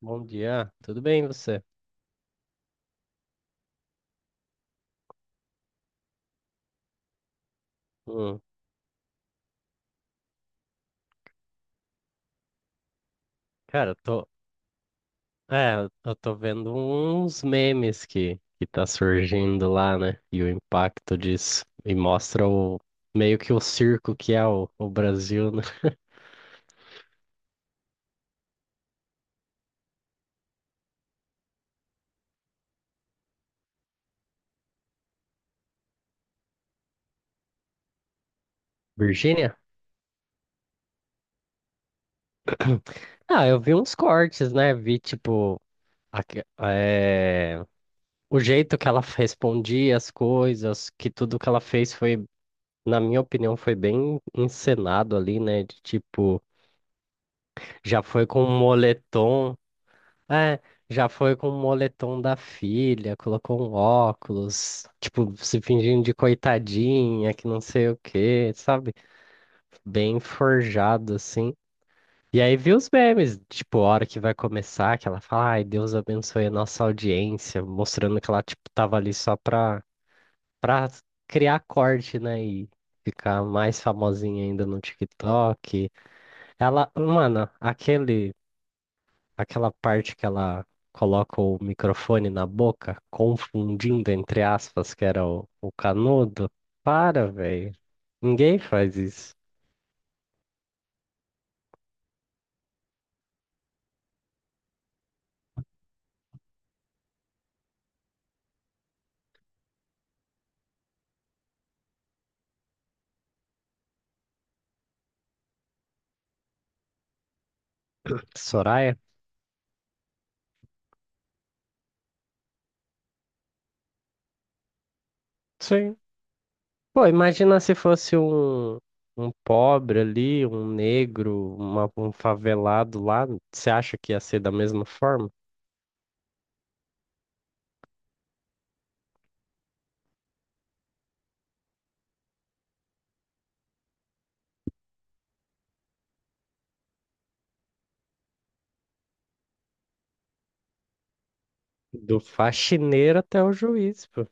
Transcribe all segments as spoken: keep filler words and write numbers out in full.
Bom dia, tudo bem você? Hum, cara, eu tô, é, eu tô vendo uns memes que, que tá surgindo lá, né? E o impacto disso. E mostra o, meio que o circo que é o, o Brasil, né? Virgínia? Ah, eu vi uns cortes, né? Vi, tipo, aque- é, o jeito que ela respondia as coisas, que tudo que ela fez foi, na minha opinião, foi bem encenado ali, né? De tipo, já foi com um moletom É, já foi com o moletom da filha, colocou um óculos, tipo, se fingindo de coitadinha, que não sei o quê, sabe? Bem forjado, assim. E aí vi os memes, tipo, a hora que vai começar, que ela fala, ai, Deus abençoe a nossa audiência, mostrando que ela, tipo, tava ali só pra, pra criar corte, né? E ficar mais famosinha ainda no TikTok. Ela, mano, aquele. Aquela parte que ela coloca o microfone na boca, confundindo entre aspas que era o, o canudo. Para, velho. Ninguém faz isso. Soraya? Sim. Pô, imagina se fosse um, um pobre ali, um negro, uma- um favelado lá. Você acha que ia ser da mesma forma? Do faxineiro até o juiz, pô.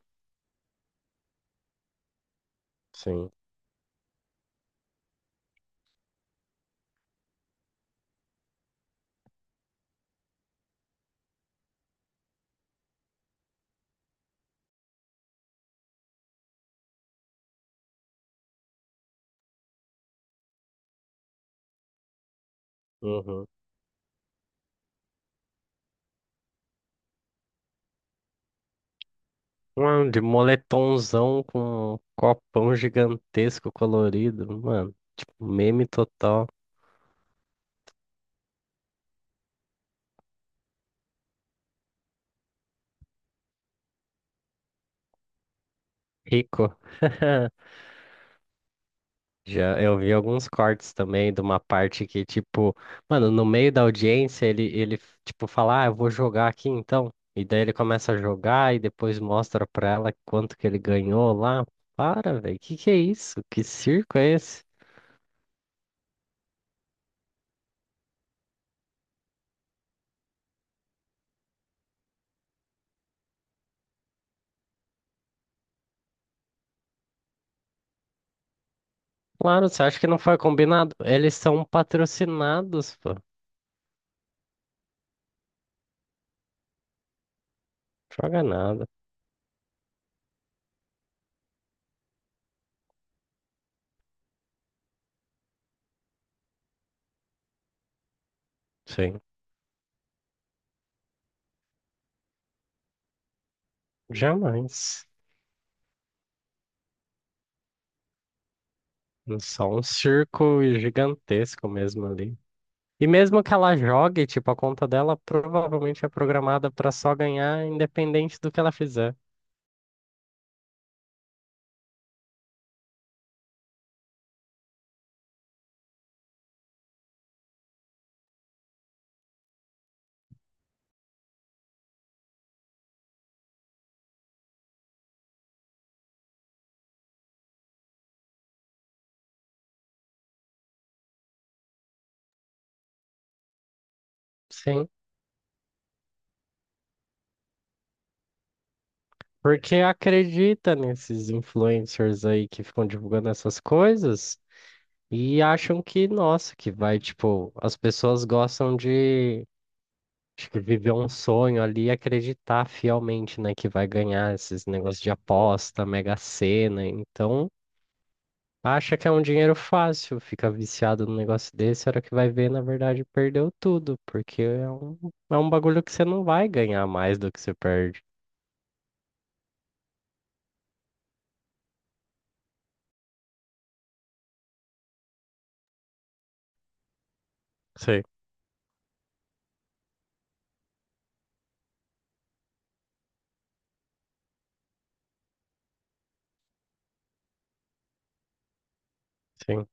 Sim. Uhum. Mano, de moletomzão com um copão gigantesco colorido, mano. Tipo, meme total. Rico. Já eu vi alguns cortes também de uma parte que, tipo, mano, no meio da audiência ele, ele tipo, fala, ah, eu vou jogar aqui então. E daí ele começa a jogar e depois mostra pra ela quanto que ele ganhou lá. Para, velho, que que é isso? Que circo é esse? Claro, você acha que não foi combinado? Eles são patrocinados, pô. Joga nada. Sim. Jamais. É só um circo gigantesco mesmo ali. E mesmo que ela jogue, tipo, a conta dela provavelmente é programada para só ganhar, independente do que ela fizer. Sim. Porque acredita nesses influencers aí que ficam divulgando essas coisas e acham que, nossa, que vai, tipo, as pessoas gostam de, acho que viver um sonho ali e acreditar fielmente, né, que vai ganhar esses negócios de aposta, Mega Sena. Então. Acha que é um dinheiro fácil, fica viciado num negócio desse, a hora que vai ver, na verdade, perdeu tudo, porque é um, é um bagulho que você não vai ganhar mais do que você perde. Sim, sim.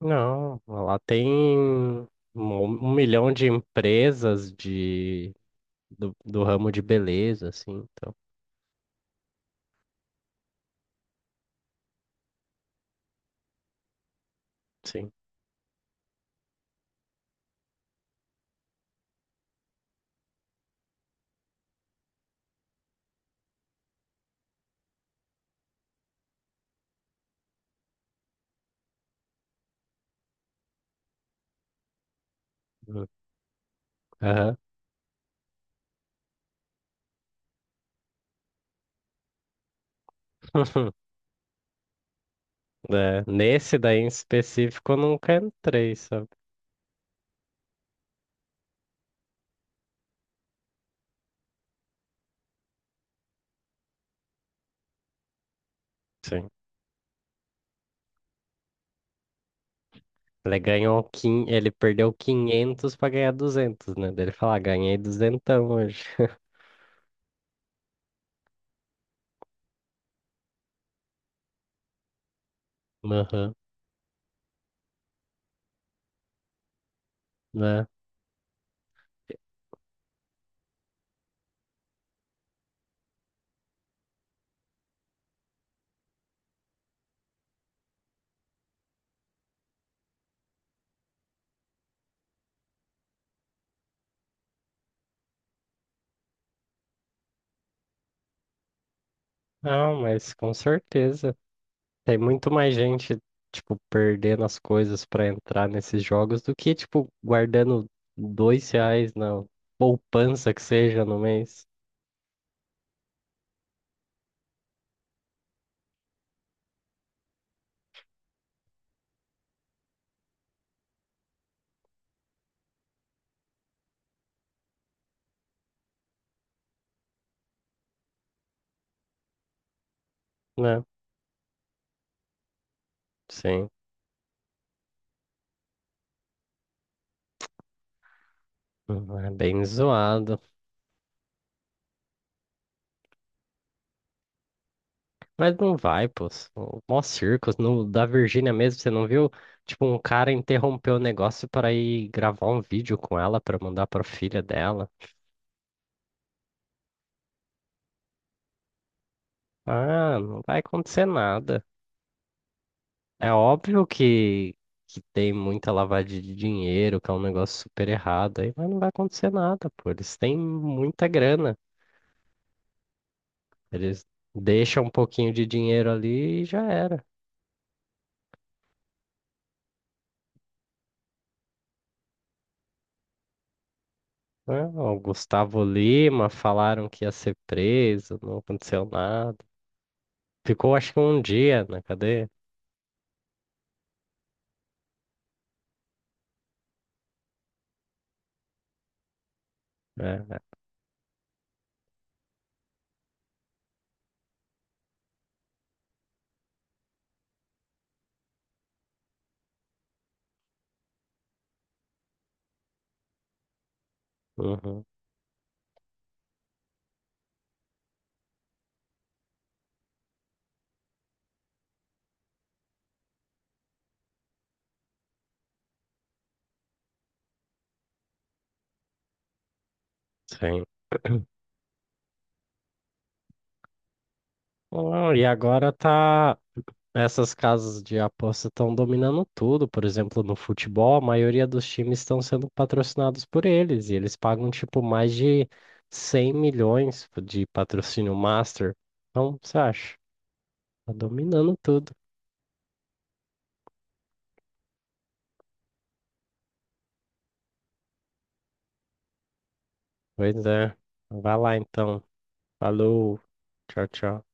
Não, lá tem um, um milhão de empresas de, do, do ramo de beleza, assim, então, sim. Hum. Aham. É, nesse daí em específico eu nunca entrei, sabe? Sim. Ele ganhou, quin... ele perdeu quinhentos pra ganhar duzentos, né? Dele falar, ganhei duzentão hoje. Aham, né? Não, mas com certeza. Tem muito mais gente, tipo, perdendo as coisas pra entrar nesses jogos do que, tipo, guardando dois reais na poupança que seja no mês, né? Sim. Hum, é bem zoado. Mas não vai, pô. só- Mó circos. No, da Virgínia mesmo, você não viu? Tipo, um cara interrompeu o negócio para ir gravar um vídeo com ela para mandar para filha dela. Ah, não vai acontecer nada. É óbvio que, que tem muita lavagem de dinheiro, que é um negócio super errado aí, mas não vai acontecer nada, pô. Eles têm muita grana. Eles deixam um pouquinho de dinheiro ali e já era. Né? O Gustavo Lima falaram que ia ser preso, não aconteceu nada. Ficou acho que um dia na cadeia. É. Uhum. Sim. Não, e agora tá. Essas casas de aposta estão dominando tudo. Por exemplo, no futebol, a maioria dos times estão sendo patrocinados por eles. E eles pagam, tipo, mais de cem milhões de patrocínio master. Então, você acha? Tá dominando tudo. Pois é. Vai lá então. Falou. Tchau, tchau.